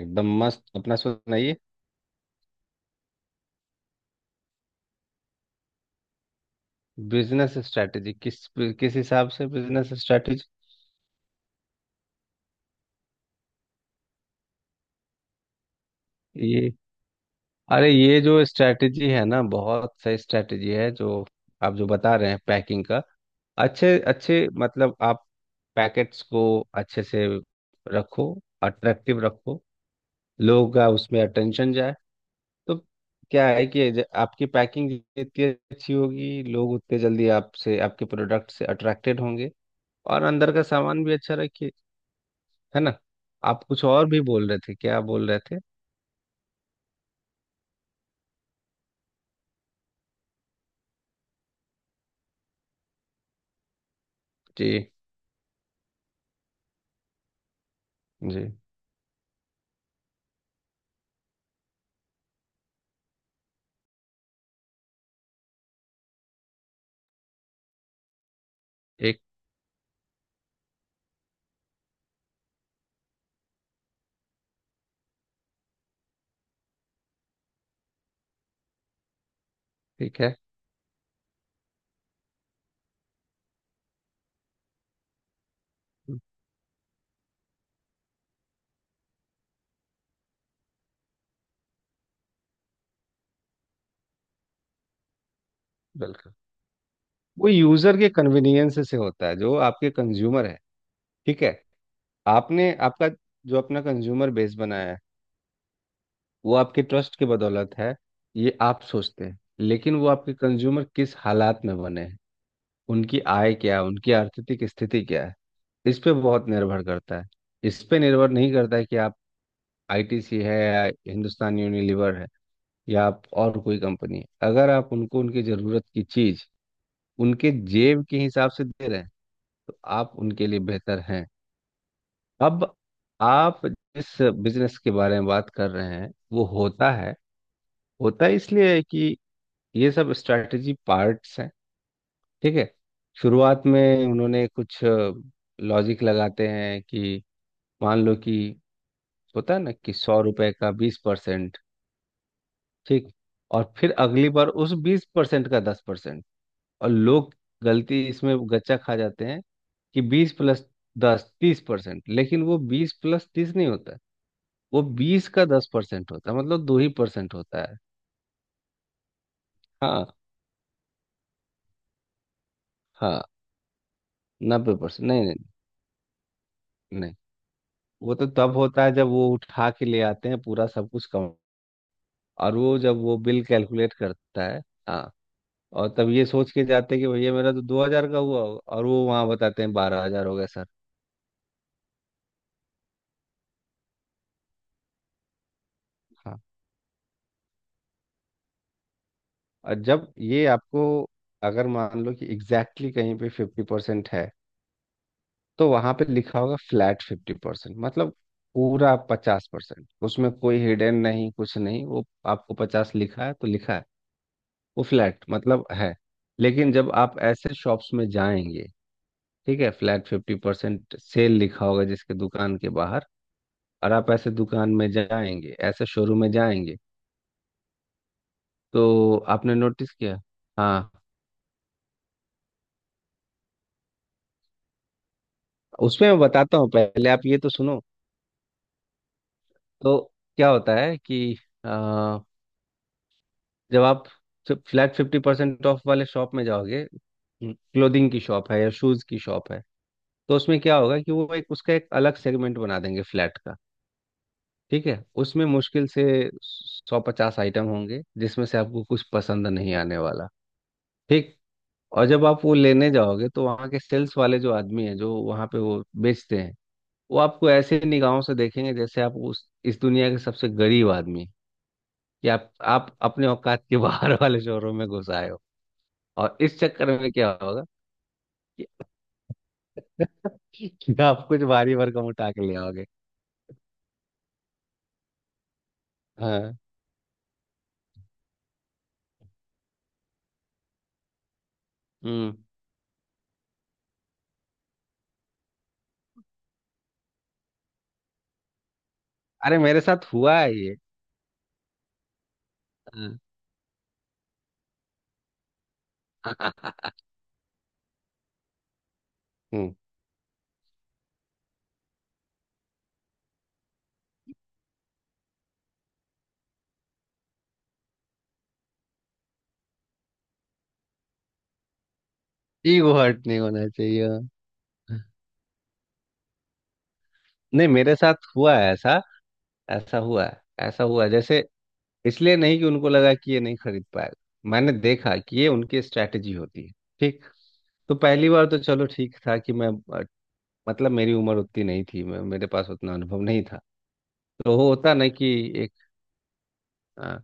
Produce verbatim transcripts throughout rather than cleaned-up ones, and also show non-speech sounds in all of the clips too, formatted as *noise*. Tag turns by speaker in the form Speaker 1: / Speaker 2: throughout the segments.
Speaker 1: एकदम मस्त। अपना सुनाइए। बिजनेस स्ट्रेटजी किस किस हिसाब से बिजनेस स्ट्रेटजी। ये अरे ये जो स्ट्रेटजी है ना, बहुत सही स्ट्रेटजी है। जो आप जो बता रहे हैं पैकिंग का। अच्छे अच्छे मतलब आप पैकेट्स को अच्छे से रखो, अट्रैक्टिव रखो, लोगों का उसमें अटेंशन जाए। तो क्या है कि ज- आपकी पैकिंग जितनी अच्छी होगी लोग उतने जल्दी आपसे आपके प्रोडक्ट से अट्रैक्टेड होंगे। और अंदर का सामान भी अच्छा रखिए। है ना। आप कुछ और भी बोल रहे थे, क्या बोल रहे थे। जी। जी। एक। ठीक है। बिल्कुल। वो यूजर के कन्वीनियंस से होता है जो आपके कंज्यूमर है। ठीक है। आपने आपका जो अपना कंज्यूमर बेस बनाया है वो आपके ट्रस्ट की बदौलत है। ये आप सोचते हैं लेकिन वो आपके कंज्यूमर किस हालात में बने हैं। उनकी आय क्या है, उनकी आर्थिक स्थिति क्या है। इस पे बहुत निर्भर करता है। इस पे निर्भर नहीं करता है कि आप आई टी सी है या हिंदुस्तान यूनिलीवर है या आप और कोई कंपनी है। अगर आप उनको उनकी जरूरत की चीज उनके जेब के हिसाब से दे रहे हैं तो आप उनके लिए बेहतर हैं। अब आप जिस बिजनेस के बारे में बात कर रहे हैं वो होता है। होता है इसलिए है कि ये सब स्ट्रैटेजी पार्ट्स हैं। ठीक है। शुरुआत में उन्होंने कुछ लॉजिक लगाते हैं कि मान लो कि होता है ना कि सौ रुपए का बीस परसेंट। ठीक। और फिर अगली बार उस बीस परसेंट का दस परसेंट। और लोग गलती इसमें गच्चा खा जाते हैं कि बीस प्लस दस तीस परसेंट, लेकिन वो बीस प्लस तीस नहीं होता। वो बीस का दस परसेंट होता है, मतलब दो ही परसेंट होता है। हाँ। हाँ। नब्बे परसेंट नहीं नहीं। नहीं, वो तो तब होता है जब वो उठा के ले आते हैं पूरा सब कुछ काउंट। और वो जब वो बिल कैलकुलेट करता है। हाँ। और तब ये सोच के जाते हैं कि भैया मेरा तो दो हजार का हुआ और वो वहाँ बताते हैं बारह हजार हो गया सर। हाँ। और जब ये आपको अगर मान लो कि एग्जैक्टली exactly कहीं पे फिफ्टी परसेंट है तो वहां पे लिखा होगा फ्लैट फिफ्टी परसेंट, मतलब पूरा पचास परसेंट, उसमें कोई हिडन नहीं कुछ नहीं। वो आपको पचास लिखा है तो लिखा है, वो फ्लैट मतलब है। लेकिन जब आप ऐसे शॉप्स में जाएंगे, ठीक है, फ्लैट फिफ्टी परसेंट सेल लिखा होगा जिसके दुकान के बाहर। और आप ऐसे दुकान में जाएंगे, ऐसे शोरूम में जाएंगे। तो आपने नोटिस किया। हाँ। उसमें मैं बताता हूँ, पहले आप ये तो सुनो। तो क्या होता है कि अ, जब आप फ्लैट फिफ्टी परसेंट ऑफ वाले शॉप में जाओगे, क्लोथिंग की शॉप है या शूज की शॉप है, तो उसमें क्या होगा कि वो एक उसका एक अलग सेगमेंट बना देंगे फ्लैट का। ठीक है। उसमें मुश्किल से सौ पचास आइटम होंगे जिसमें से आपको कुछ पसंद नहीं आने वाला। ठीक। और जब आप वो लेने जाओगे तो वहाँ के सेल्स वाले जो आदमी है जो वहाँ पे वो बेचते हैं, वो आपको ऐसे निगाहों से देखेंगे जैसे आप उस इस दुनिया के सबसे गरीब आदमी हैं। कि आप आप अपने औकात के *laughs* बाहर वाले शोरूम में घुस आए हो। और इस चक्कर में क्या होगा कि, *laughs* कि आप कुछ भारी भरकम उठा के ले आओगे। हाँ। हम्म। अरे मेरे साथ हुआ है ये। हाँ। *laughs* हम्म। ईगो हर्ट नहीं होना चाहिए। नहीं, मेरे साथ हुआ है ऐसा। ऐसा हुआ है, ऐसा हुआ है जैसे इसलिए नहीं कि उनको लगा कि ये नहीं खरीद पाएगा। मैंने देखा कि ये उनकी स्ट्रैटेजी होती है। ठीक। तो पहली बार तो चलो ठीक था कि मैं मतलब मेरी उम्र उतनी नहीं थी, मैं मेरे पास उतना अनुभव नहीं था। तो वो होता ना कि एक। हाँ।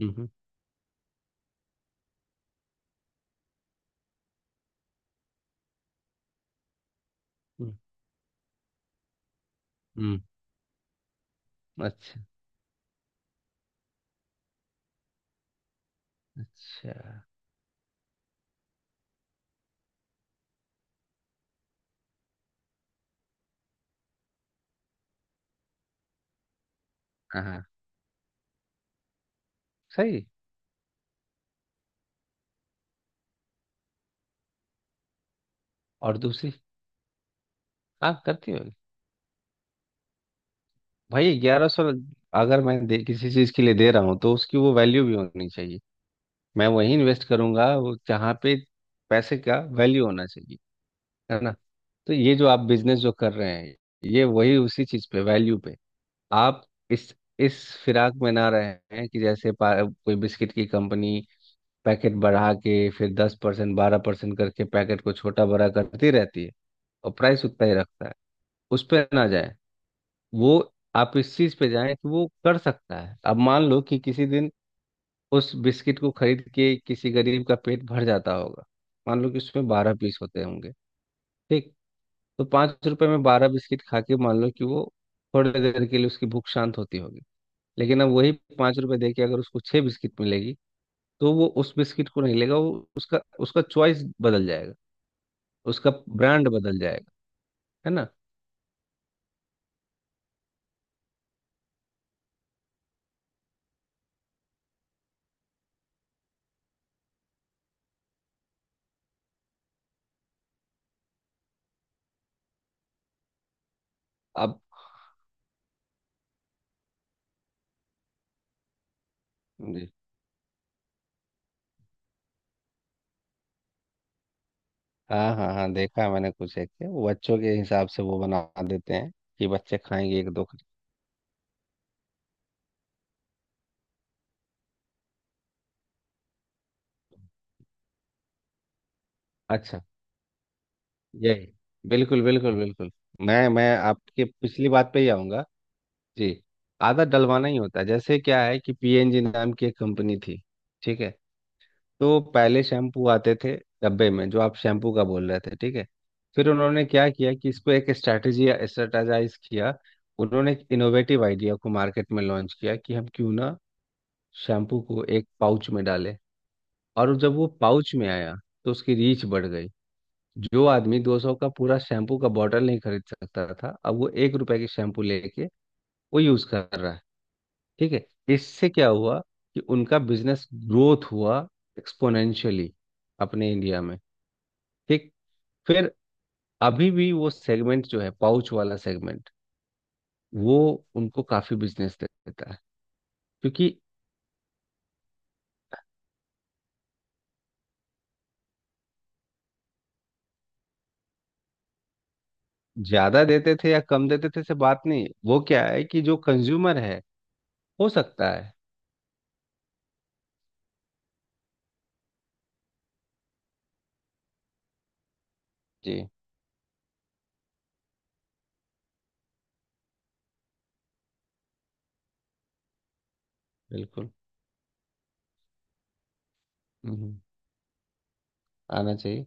Speaker 1: हम्म। हम्म। हम्म। हम्म। अच्छा अच्छा। हाँ हाँ। सही। और दूसरी आप करती होगी। भाई ग्यारह सौ। अगर मैं दे, किसी चीज के लिए दे रहा हूँ तो उसकी वो वैल्यू भी होनी चाहिए। मैं वहीं इन्वेस्ट करूंगा वो जहाँ पे पैसे का वैल्यू होना चाहिए। है ना। तो ये जो आप बिजनेस जो कर रहे हैं ये वही उसी चीज पे वैल्यू पे आप इस इस फिराक में ना रहे हैं कि जैसे पा- कोई बिस्किट की कंपनी पैकेट बढ़ा के फिर दस परसेंट बारह परसेंट करके पैकेट को छोटा बड़ा करती रहती है और प्राइस उतना ही रखता है। उस पर ना जाए वो। आप इस चीज पे जाए कि वो कर सकता है। अब मान लो कि किसी दिन उस बिस्किट को खरीद के किसी गरीब का पेट भर जाता होगा। मान लो कि उसमें बारह पीस होते होंगे। ठीक। तो पाँच रुपए में बारह बिस्किट खा के मान लो कि वो थोड़ी देर के लिए उसकी भूख शांत होती होगी। लेकिन अब वही पाँच रुपए दे के अगर उसको छह बिस्किट मिलेगी तो वो उस बिस्किट को नहीं लेगा। वो उसका उसका चॉइस बदल जाएगा, उसका ब्रांड बदल जाएगा। है ना। अब। जी। हाँ हाँ हाँ, देखा है मैंने। कुछ एक के वो बच्चों के हिसाब से वो बना देते हैं कि बच्चे खाएंगे, एक दो खा- अच्छा यही। बिल्कुल बिल्कुल बिल्कुल। मैं मैं आपके पिछली बात पे ही आऊंगा। जी। आधा डलवाना ही होता है, जैसे क्या है कि पी एन जी नाम की एक कंपनी थी, ठीक है। तो पहले शैम्पू आते थे डब्बे में, जो आप शैम्पू का बोल रहे थे, ठीक है। फिर उन्होंने क्या किया कि इसको एक स्ट्रैटेजी स्ट्रेटाजाइज किया। उन्होंने एक इनोवेटिव आइडिया को मार्केट में लॉन्च किया कि हम क्यों ना शैम्पू को एक पाउच में डालें। और जब वो पाउच में आया तो उसकी रीच बढ़ गई। जो आदमी दो सौ का पूरा शैम्पू का बॉटल नहीं खरीद सकता था, अब वो एक रुपए की शैम्पू लेके वो यूज कर रहा है। ठीक है। इससे क्या हुआ कि उनका बिजनेस ग्रोथ हुआ एक्सपोनेंशियली अपने इंडिया में। ठीक। फिर अभी भी वो सेगमेंट जो है पाउच वाला सेगमेंट, वो उनको काफी बिजनेस देता है। क्योंकि ज्यादा देते थे या कम देते थे से बात नहीं। वो क्या है कि जो कंज्यूमर है, हो सकता है। जी। बिल्कुल। हम्म। आना चाहिए।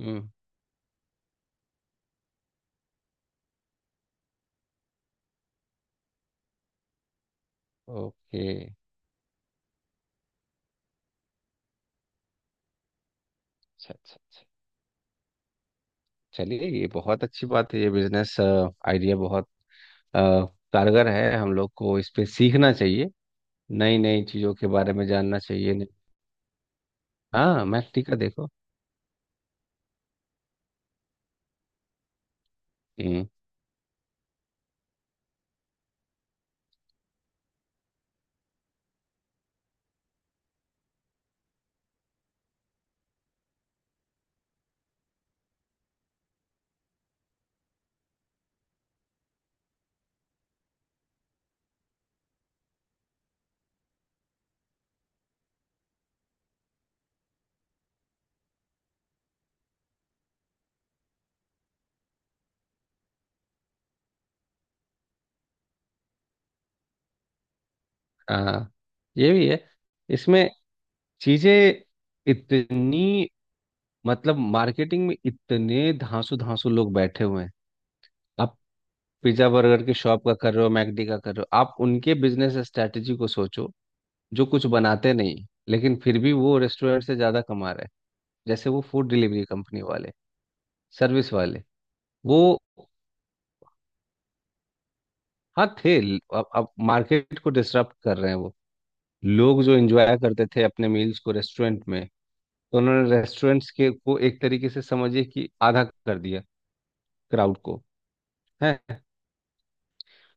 Speaker 1: हम्म। ओके। अच्छा अच्छा अच्छा। चलिए, ये बहुत अच्छी बात है, ये बिजनेस आइडिया बहुत अ, कारगर है। हम लोग को इस पे सीखना चाहिए, नई नई चीजों के बारे में जानना चाहिए। हाँ मैक टीका देखो। हम्म। हाँ, ये भी है। इसमें चीजें इतनी, मतलब मार्केटिंग में इतने धांसू धांसू लोग बैठे हुए हैं। आप पिज्जा बर्गर की शॉप का कर रहे हो, मैकडी का कर रहे हो, आप उनके बिजनेस स्ट्रेटजी को सोचो जो कुछ बनाते नहीं लेकिन फिर भी वो रेस्टोरेंट से ज्यादा कमा रहे हैं। जैसे वो फूड डिलीवरी कंपनी वाले, सर्विस वाले। वो। हाँ थे। अब अब मार्केट को डिसरप्ट कर रहे हैं वो। लोग जो एंजॉय करते थे अपने मील्स को रेस्टोरेंट में, तो उन्होंने रेस्टोरेंट्स के को एक तरीके से समझिए कि आधा कर दिया क्राउड को। है।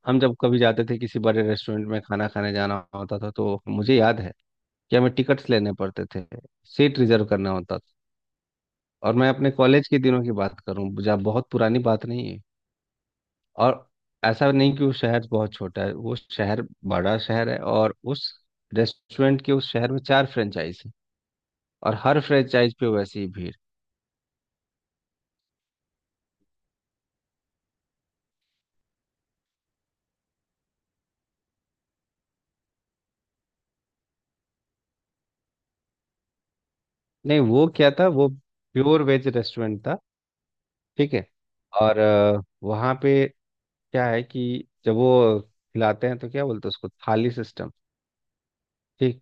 Speaker 1: हम जब कभी जाते थे किसी बड़े रेस्टोरेंट में खाना खाने जाना होता था तो मुझे याद है कि हमें टिकट्स लेने पड़ते थे, सीट रिजर्व करना होता था। और मैं अपने कॉलेज के दिनों की बात करूं, जहाँ बहुत पुरानी बात नहीं है। और ऐसा नहीं कि वो शहर बहुत छोटा है, वो शहर बड़ा शहर है और उस रेस्टोरेंट के उस शहर में चार फ्रेंचाइज है और हर फ्रेंचाइज पे वैसी ही भीड़। नहीं वो क्या था, वो प्योर वेज रेस्टोरेंट था, ठीक है। और अ, वहाँ पे क्या है कि जब वो खिलाते हैं तो क्या बोलते हैं उसको थाली सिस्टम। ठीक।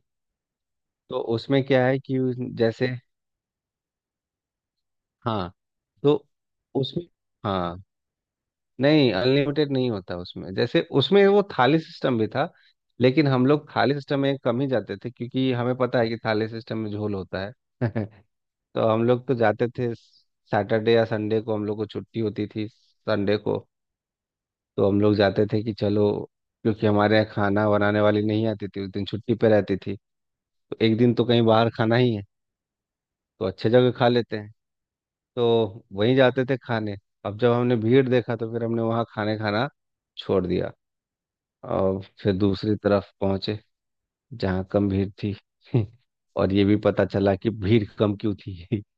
Speaker 1: तो उसमें क्या है कि उस- जैसे हाँ तो उसमें हाँ नहीं, अनलिमिटेड नहीं होता उसमें, जैसे उसमें वो थाली सिस्टम भी था लेकिन हम लोग थाली सिस्टम में कम ही जाते थे क्योंकि हमें पता है कि थाली सिस्टम में झोल होता है। *laughs* तो हम लोग तो जाते थे सैटरडे या संडे को, हम लोग को छुट्टी होती थी संडे को। तो हम लोग जाते थे कि चलो, क्योंकि हमारे यहाँ खाना बनाने वाली नहीं आती थी उस दिन, छुट्टी पे रहती थी। तो एक दिन तो कहीं बाहर खाना ही है तो अच्छे जगह खा लेते हैं। तो वहीं जाते थे खाने। अब जब हमने भीड़ देखा तो फिर हमने वहाँ खाने खाना छोड़ दिया और फिर दूसरी तरफ पहुंचे जहाँ कम भीड़ थी। *laughs* और ये भी पता चला कि भीड़ कम क्यों थी। *laughs*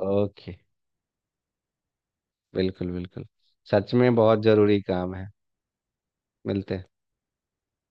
Speaker 1: ओके। बिल्कुल बिल्कुल। सच में बहुत जरूरी काम है, मिलते हैं।